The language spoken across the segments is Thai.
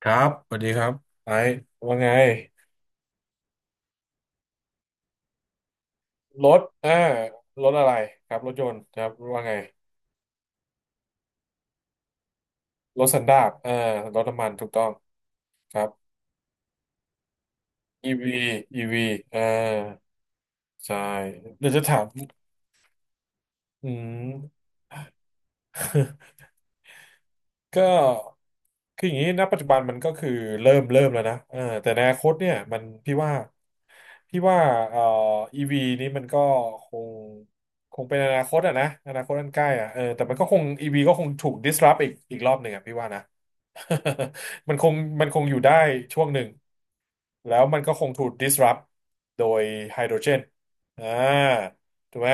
ครับสวัสดีครับไอ้ว่าไงรถอ่ารถอะไรครับรถยนต์ครับว่าไงรถสันดาปอ่ารถน้ำมันถูกต้องครับอีวีอีวีเออใช่เดี๋ยวจะถามอืม ก็คืออย่างนี้ณปัจจุบันมันก็คือเริ่มแล้วนะเออแต่ในอนาคตเนี่ยมันพี่ว่าพี่ว่าเอ่ออีวีนี้มันก็คงคงเป็นอนาคตอะนะอนาคตอันใกล้อะเออแต่มันก็คงอีวีก็คงถูก disrupt อีกอีกรอบหนึ่งอะพี่ว่านะ มันคงมันคงอยู่ได้ช่วงหนึ่งแล้วมันก็คงถูก disrupt โดยไฮโดรเจนอ่าถูกไหม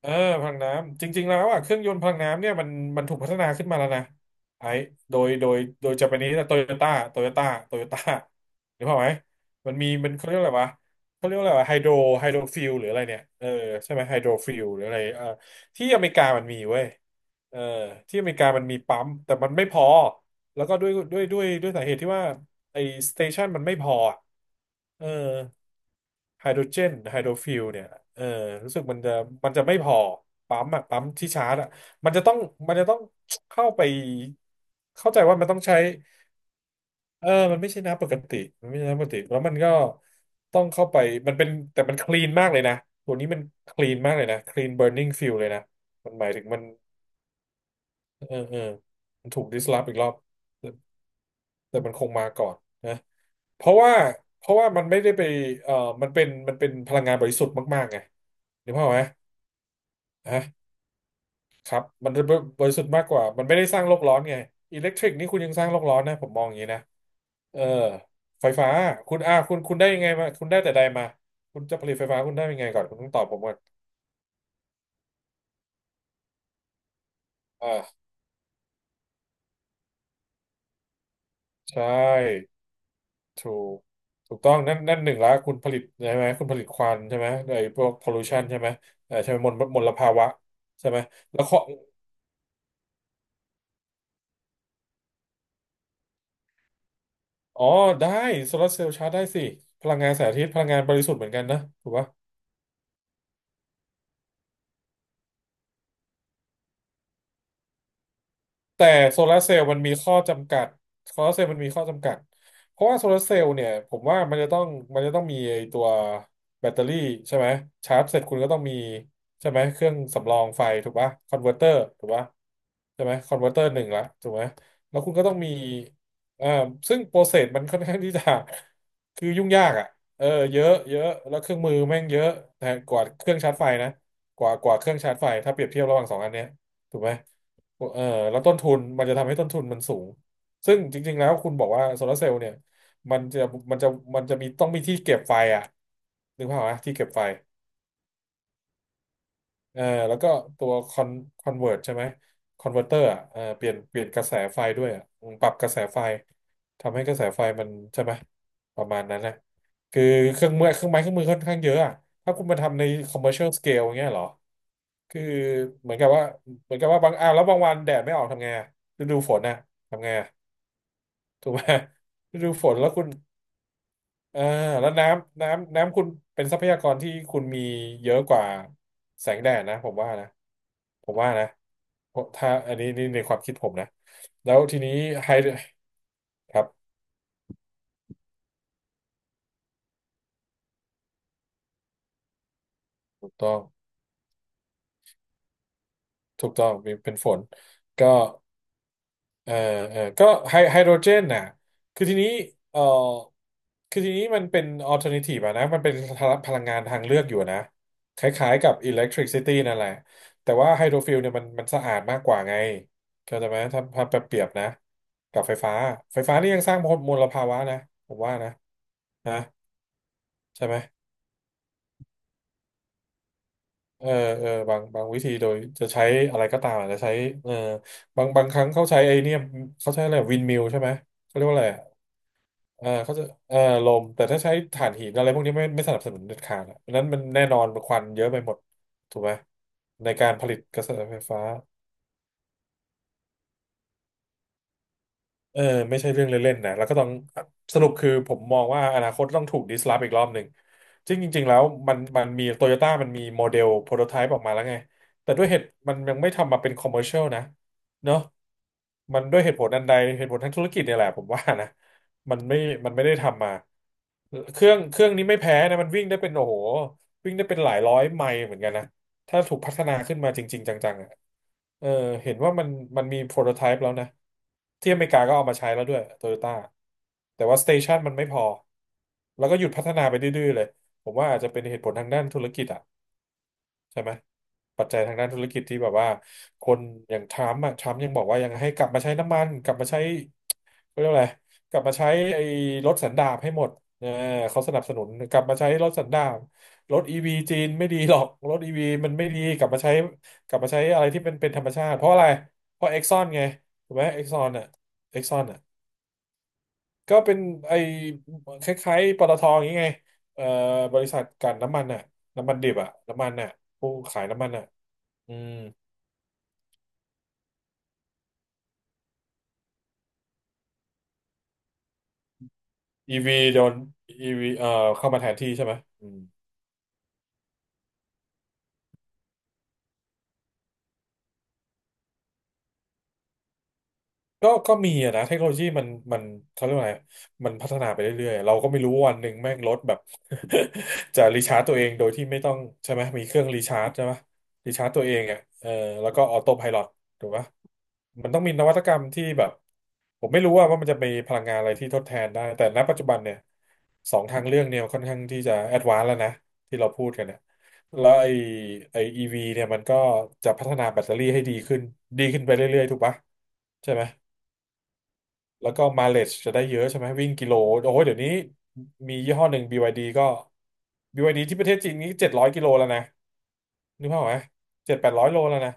เออพลังน้ำจริงๆแล้วอ่ะเครื่องยนต์พลังน้ำเนี่ยมันมันถูกพัฒนาขึ้นมาแล้วนะไอ้โดยจาปนิสโตโยต้านึกภาพไหมมันมีมันเขาเรียกอะไรวะเขาเรียกว่าอะไรไฮโดรไฮโดรฟิลหรืออะไรเนี่ยเออใช่ไหมไฮโดรฟิลหรืออะไรเออที่อเมริกามันมีเว้ยเออที่อเมริกามันมีปั๊มแต่มันไม่พอแล้วก็ด้วยสาเหตุที่ว่าไอ้สเตชันมันไม่พออะเออ ไฮโดรเจนไฮโดรฟิลเนี่ยเออรู้สึกมันจะมันจะไม่พอปั๊มอะปั๊มที่ชาร์จอะมันจะต้องมันจะต้องเข้าไปเข้าใจว่ามันต้องใช้เออมันไม่ใช่น้ำปกติมันไม่ใช่น้ำปกติแล้วมันก็ต้องเข้าไปมันเป็นแต่มันคลีนมากเลยนะตัวนี้มันคลีนมากเลยนะคลีนเบ u ร์นิ่งฟิลเลยนะมันหมายถึงมันเออมันถูกดิสลอฟอีกรอบแต่แต่มันคงมาก่อนนะเพราะว่าเพราะว่ามันไม่ได้ไปเออมันเป็นมันเป็นพลังงานบริสุทธิ์มากๆไงนึกภาพไหม ฮะครับมันจะบริสุทธิ์มากกว่ามันไม่ได้สร้างโลกร้อนไงอิเล็กทริกนี่คุณยังสร้างโลกร้อนนะผมมองอย่างนี้นะเออไฟฟ้าคุณอ่าคุณได้ยังไงมาคุณได้แต่ใดมาคุณจะผลิตไฟฟ้าคุณได้ยังไงก่อนคุณต้องตอบผมก่อนอ่าใช่ถูกถูกต้องนั่นหนึ่งละคุณผลิตใช่ไหมคุณผลิตควันใช่ไหมไอ้พวกพอลูชันใช่ไหมเออใช่ไหมมลภาวะใช่ไหมแล้วข้ออ๋อได้โซลาร์เซลล์ชาร์จได้สิพลังงานแสงอาทิตย์พลังงานบริสุทธิ์เหมือนกันนะถูกปะ แต่โซลาร์เซลล์มันมีข้อจำกัดโซลาร์เซลล์มันมีข้อจำกัด เพราะว่าโซลาร์เซลล์เนี่ยผมว่ามันจะต้องมันจะต้องมีไอ้ตัวแบตเตอรี่ใช่ไหมชาร์จเสร็จคุณก็ต้องมีใช่ไหมเครื่องสำรองไฟถูกปะคอนเวอร์เตอร์ถูกปะใช่ไหมคอนเวอร์เตอร์หนึ่งละถูกไหมแล้วคุณก็ต้องมีอ่าซึ่งโปรเซสมันค่อนข้างที่จะ คือยุ่งยากอ่ะเออเยอะเยอะแล้วเครื่องมือแม่งเยอะแต่กว่าเครื่องชาร์จไฟนะกว่ากว่าเครื่องชาร์จไฟถ้าเปรียบเทียบระหว่างสองอันเนี้ยถูกไหม เออแล้วต้นทุนมันจะทำให้ต้นทุนมันสูงซึ่งจริงๆแล้วคุณบอกว่าโซลาร์เซลล์เนี่ยมันจะมันจะมันจะมีต้องมีที่เก็บไฟอ่ะนึกภาพไหมที่เก็บไฟ เออแล้วก็ตัวคอนคอนเวิร์ตใช่ไหมคอนเวอร์เตอร์อ่ะเออเปลี่ยนกระแสไฟด้วยอ่ะอืมปรับกระแสไฟทำให้กระแสไฟมันใช่ไหมประมาณนั้นนะคือเครื่องมือเครื่องไม้เครื่องมือค่อนข้างเยอะอ่ะถ้าคุณมาทำใน commercial scale อย่างเงี้ยเหรอคือเหมือนกับว่าเหมือนกับว่าบางอ่ะแล้วบางวันแดดไม่ออกทำไงอ่ะฤดูฝนน่ะทำไงอะถูกไหมฤดูฝนแล้วคุณ อ่าแล้วน้ำคุณเป็นทรัพยากรที่คุณมีเยอะกว่าแสงแดดนะผมว่านะผมว่านะเพราะถ้าอันนี้นี่ในความคิดผมนะแล้วทีนี้ไฮครับถูกต้องถูกต้องเป็นเป็นฝนก็ เออเออก็ไฮโดรเจนน่ะคือทีนี้เออคือทีนี้มันเป็นอ l ลเทอร์ i v ทีอะนะมันเป็นพลังงานทางเลือกอยู่อะนะคล้ายๆกับอิเล็กทริกซิตี้นั่นแหละแต่ว่าไฮโดรฟิลเนี่ยมันสะอาดมากกว่าไงเข้าใจไหมถ้าเปรียบนะกับไฟฟ้าไฟฟ้านี่ยังสร้างมลภาวะนะผมว่านะนะใช่ไหมเออเออบางวิธีโดยจะใช้อะไรก็ตามอาจจะใช้เออบางครั้งเขาใช้ไอเนี่ยเขาใช้อะไรวินมิลใช่ไหมเขาเรียกว่าอะไร เออเขาจะเออลมแต่ถ้าใช้ถ่านหินอะไรพวกนี้ไม่สนับสนุนเด็ดขาดอะเพราะฉะนั้นมันแน่นอนมันควันเยอะไปหมดถูกไหมในการผลิตกระแสไฟฟ้า เออไม่ใช่เรื่องเล่นๆนะแล้วก็ต้องสรุปคือผมมองว่าอนาคตต้องถูกดิสลอฟอีกรอบหนึ่งจริงจริงๆแล้วมันมีโตโยต้ามันมีโมเดลโปรโตไทป์ออกมาแล้วไงแต่ด้วยเหตุมันยังไม่ทำมาเป็นคอมเมอร์เชียลนะเนาะมันด้วยเหตุผลอันใดเหตุผลทางธุรกิจเนี่ยแหละผมว่านะมันไม่มันไม่ได้ทำมาเครื่องนี้ไม่แพ้นะมันวิ่งได้เป็นโอ้โหวิ่งได้เป็นหลายร้อยไมล์เหมือนกันนะถ้าถูกพัฒนาขึ้นมาจริงๆจังๆอะ เออเห็นว่ามันมันมีโปรโตไทป์แล้วนะที่อเมริกาก็เอามาใช้แล้วด้วยโตโยต้าแต่ว่าสเตชันมันไม่พอแล้วก็หยุดพัฒนาไปดื้อๆเลยผมว่าอาจจะเป็นเหตุผลทางด้านธุรกิจอะ ใช่ไหมปัจจัยทางด้านธุรกิจที่แบบว่าคนอย่างทรัมป์อะทรัมป์ยังบอกว่ายังให้กลับมาใช้น้ำมันกลับมาใช้เขาเรียกว่าอะไรกลับมาใช้ไอ้รถสันดาปให้หมดเออเขาสนับสนุนกลับมาใช้รถสันดาปรถอีวีจีนไม่ดีหรอกรถอีวีมันไม่ดีกลับมาใช้กลับมาใช้อะไรที่เป็นธรรมชาติเพราะอะไรเพราะเอ็กซอนไงถูกไหมเอ็กซอนอ่ะเอ็กซอนอ่ะก็เป็นไอ้คล้ายๆปตทอย่างงี้ไงเอ่อบริษัทกลั่นน้ำมันอ่ะน้ำมันดิบอ่ะน้ำมันอ่ะผู้ขายน้ำมันอ่ะ อืมอีวีโดนอีวีเข้ามาแทนที่ใช่ไหมอืม ก็มีอะนะ เทคโนโลยีมันมันเขาเรียกว่าไงมันพัฒนาไปเรื่อยๆเราก็ไม่รู้วันหนึ่งแม่งรถแบบ จะรีชาร์จตัวเองโดยที่ไม่ต้องใช่ไหมมีเครื่องรีชาร์จใช่ไหมรีชาร์จตัวเองอ่ะเออแล้วก็ออโต้ไพลอตถูกปะมันต้องมีนวัตกรรมที่แบบผมไม่รู้ว่ามันจะมีพลังงานอะไรที่ทดแทนได้ แต่ณปัจจุบันเนี่ยสองทางเรื่องเนี่ยค่อนข้างที่จะแอดวานซ์แล้วนะที่เราพูดกันเนี่ยแล้วไอ้ไอ้อีวีเนี่ยมันก็จะพัฒนาแบตเตอรี่ให้ดีขึ้นดีขึ้นไปเรื่อยๆถูกปะใช่ไหม แล้วก็ m i l e a g e จะได้เยอะใช่ไหมวิ่งกิโลโอ้โหเดี๋ยวนี้มียี่ห้อหนึ่ง BYD ก็ BYD ที่ประเทศจีนนี้700 กิโลแล้วนะนึกภาพออกไหมเจ็ดแปดร้อยโลแล้วนะ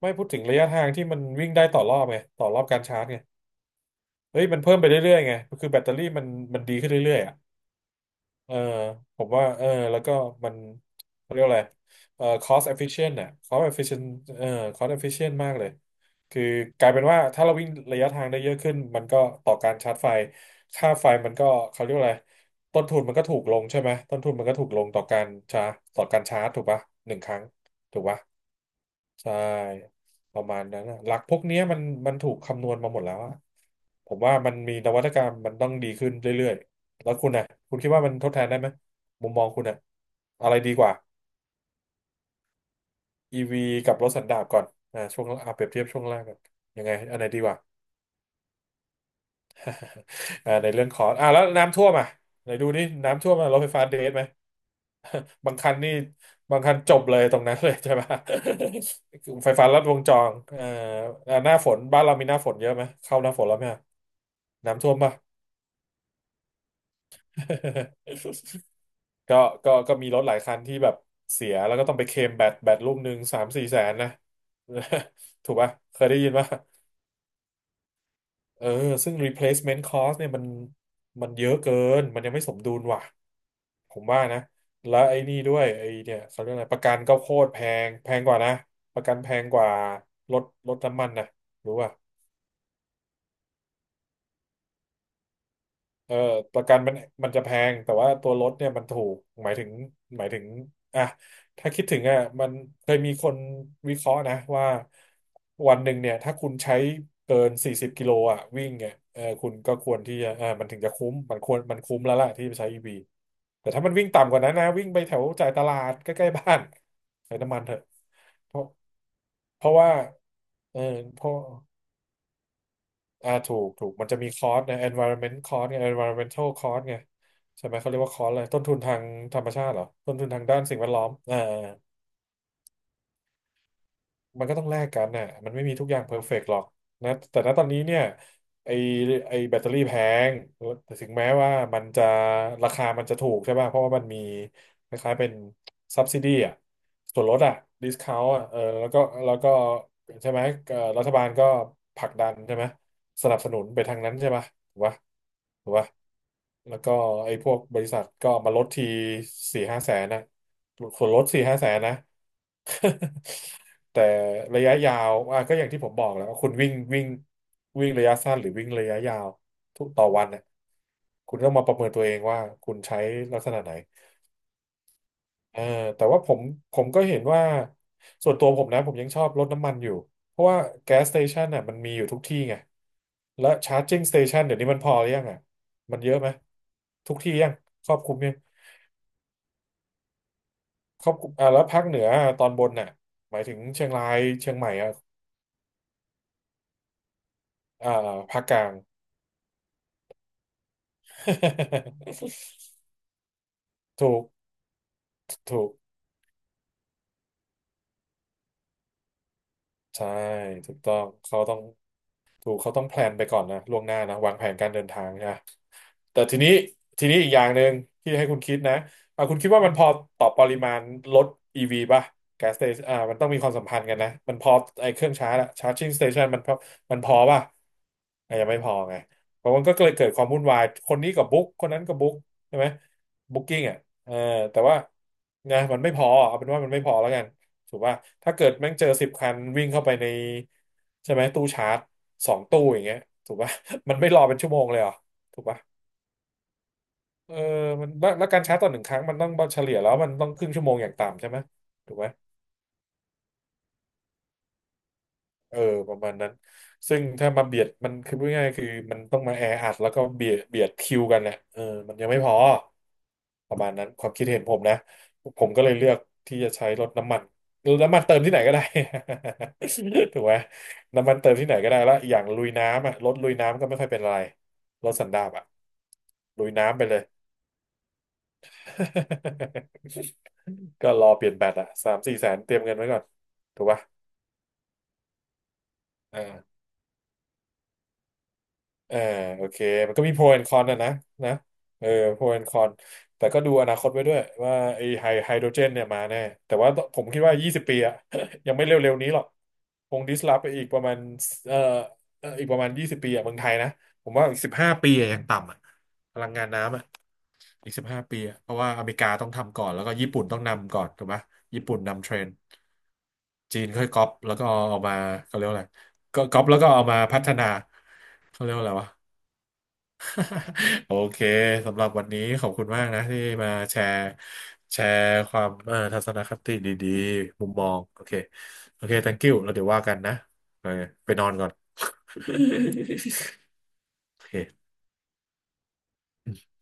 ไม่พูดถึงระยะทางที่มันวิ่งได้ต่อรอบไงต่อรอบการชาร์จไงเฮ้ยมันเพิ่มไปเรื่อยๆไงคือแบตเตอรี่มันมันดีขึ้นเรื่อยๆอะ เออผมว่าเออแล้วก็มันเขาเรียกอะไรเออ cost efficient น่ะ cost efficient เออ cost efficient มากเลยคือกลายเป็นว่าถ้าเราวิ่งระยะทางได้เยอะขึ้นมันก็ต่อการชาร์จไฟค่าไฟมันก็เขาเรียกว่าอะไรต้นทุนมันก็ถูกลงใช่ไหมต้นทุนมันก็ถูกลงต่อการชาร์จต่อการชาร์จถูกปะหนึ่งครั้งถูกปะ ใช่ประมาณนั้นนะหลักพวกเนี้ยมันมันถูกคำนวณมาหมดแล้วอะผมว่ามันมีนวัตกรรมมันต้องดีขึ้นเรื่อยๆแล้วคุณนะคุณคิดว่ามันทดแทนได้ไหมมุมมองคุณอะอะไรดีกว่า e ีวีกับรถสันดาปก่อนอ่าช่วงอ่าเปรียบเทียบช่วงแรกกันยังไงอันไหนดีกว่าอ่าในเรื่องของอ่าแล้วน้ำท่วมอ่ะไหนดูนี่น้ำท่วมอะรถไฟฟ้าเดทไหม บางคันนี่บางคันจบเลยตรงนั้นเลยใช่ไหม ไฟฟ้าลัดวงจรหน้าฝนบ้านเรามีหน้าฝนเยอะไหมเข้าหน้าฝนแล้วไหม น้ำท่วมป่ะ ก็ก็มีรถหลายคันที่แบบเสียแล้วก็ต้องไปเคลมแบตลูก1 3-4 แสนนะ ถูกป่ะเคยได้ยินป่ะเออซึ่ง replacement cost เนี่ยมันมันเยอะเกินมันยังไม่สมดุลว่ะผมว่านะแล้วไอ้นี่ด้วยไอ้เนี่ยเขาเรียกอะไรประกันก็โคตรแพงแพงกว่านะประกันแพงกว่ารถน้ำมันนะรู้ป่ะ เออประกันมันจะแพงแต่ว่าตัวรถเนี่ยมันถูกหมายถึงหมายถึงอ่ะถ้าคิดถึงอ่ะมันเคยมีคนวิเคราะห์นะว่าวันหนึ่งเนี่ยถ้าคุณใช้เกิน40 กิโลอ่ะวิ่งเนี่ยเออคุณก็ควรที่จะมันถึงจะคุ้มมันควรมันคุ้มแล้วล่ะที่ไปใช้อีวีแต่ถ้ามันวิ่งต่ำกว่านั้นนะวิ่งไปแถวจ่ายตลาดใกล้ๆบ้านใช้น้ำมันเถอะเพราะเพราะว่าเออเพราะ ถูกมันจะมีคอร์สนะ environment cost ไง environmental cost ไงใช่ไหมเขาเรียกว่าคอร์สอะไรต้นทุนทางธรรมชาติเหรอต้นทุนทางด้านสิ่งแวดล้อมมันก็ต้องแลกกันน่ะมันไม่มีทุกอย่างเพอร์เฟกต์หรอกนะแต่ณตอนนี้เนี่ยไอไอแบตเตอรี่แพงแต่ถึงแม้ว่ามันจะราคามันจะถูกใช่ป่ะเพราะว่ามันมีคล้ายๆเป็น subsidy อ่ะส่วนลดอ่ะ discount อ่ะเออแล้วก็ใช่ไหมรัฐบาลก็ผลักดันใช่ไหม สนับสนุนไปทางนั้นใช่ป่ะถูกป่ะถูกป่ะ แล้วก็ไอ้พวกบริษัทก็มาลดทีสี่ห้าแสนนะส่วนลดสี่ห้าแสนนะ แต่ระยะยาวอ่ะก็อย่างที่ผมบอกแหล้วาคุณวิ่งวิ่งวิ่งระยะสั้นหรือวิ่งระยะยาวทุกต่อวันเนี่ยคุณต้องมาประเมินตัวเองว่าคุณใช้ลักษณะไหน เออแต่ว่าผมก็เห็นว่าส่วนตัวผมนะผมยังชอบรถน้ำมันอยู่เพราะว่าแก๊สสเตชันน่ะมันมีอยู่ทุกที่ไงและชาร์จิ่งสเตชันเดี๋ยวนี้มันพอหรือยังอ่ะมันเยอะไหมทุกที่ยังครอบคลุมยังครอบคลุมอ่าแล้วภาคเหนือตอนบนน่ะหมายถึงเชียงรายเชียงใหม่อ่ะอ่าภาคกลาง ถูกถูกใช่ถูกต้องเขาต้องถูกเขาต้องแพลนไปก่อนนะล่วงหน้านะวางแผนการเดินทางนะ แต่ทีนี้อีกอย่างหนึ่งที่ให้คุณคิดนะอ่ะคุณคิดว่ามันพอต่อปริมาณรถ EV ป่ะ gas station อ่ามันต้องมีความสัมพันธ์กันนะ มันพอไอ้เครื่องชาร์จอะ charging station มันพอป่ะอ่ะยังไม่พอไงเพราะมันก็เลยเกิดความวุ่นวายคนนี้กับบุ๊กคนนั้นกับบุ๊กใช่ไหมบุ๊กกิ้งอ่ะเออแต่ว่านะมันไม่พอเอาเป็นว่ามันไม่พอแล้วกันถูกป่ะถ้าเกิดแม่งเจอ10 คันวิ่งเข้าไปในใช่ไหมตู้ชาร์จสองตู้อย่างเงี้ยถูกป่ะ มันไม่รอเป็นชั่วโมงเลยเหรอถูกป่ะ เออมันแล้วการชาร์จต่อหนึ่งครั้งมันต้องเฉลี่ยแล้วมันต้องครึ่งชั่วโมงอย่างต่ำใช่ไหมถูกไหมเออประมาณนั้นซึ่งถ้ามาเบียดมันคือพูดง่ายๆคือมันต้องมาแออัดแล้วก็เบียดคิวกันนะเออมันยังไม่พอประมาณนั้นความคิดเห็นผมนะผมก็เลยเลือกที่จะใช้รถน้ำมันรถน้ำมันเติมที่ไหนก็ได้ ถูกไหมน้ำมันเติมที่ไหนก็ได้แล้วอย่างลุยน้ำอ่ะรถลุยน้ำก็ไม่ค่อยเป็นอะไรรถสันดาปอ่ะลุยน้ำไปเลย ก็รอเปลี่ยนแบตอะ3-4 แสนเตรียมเงินไว้ก่อนถูกป่ะอ่าอ่าโอเคมันก็มีโปรแอนคอนนะเออโปรแอนคอนแต่ก็ดูอนาคตไว้ด้วยว่าไอ้ไฮโดรเจนเนี่ยมาแน่แต่ว่าผมคิดว่า20ปีอะ ยังไม่เร็วๆนี้หรอกคงดิสลอฟไปอีกประมาณเอ่ออีกประมาณ20ปีอะเมืองไทยนะผมว่าอีก15ปีอะอย่างต่ำอะพลังงานน้ำอะ อีก15 ปีอะเพราะว่าอเมริกาต้องทำก่อนแล้วก็ญี่ปุ่นต้องนำก่อนถูกไหมญี่ปุ่นนำเทรนด์จีนค่อยก๊อปแล้วก็เอามาเขาเรียกว่าอะไรก็ก๊อปแล้วก็เอามาพัฒนาเขาเรียกว่าอะไรวะ โอเคสำหรับวันนี้ขอบคุณมากนะที่มาแชร์แชร์ความทัศนคติดีๆมุมมองโอเคโอเค thank you แล้วเดี๋ยวว่ากันนะโอเคไปนอนก่อน โอเค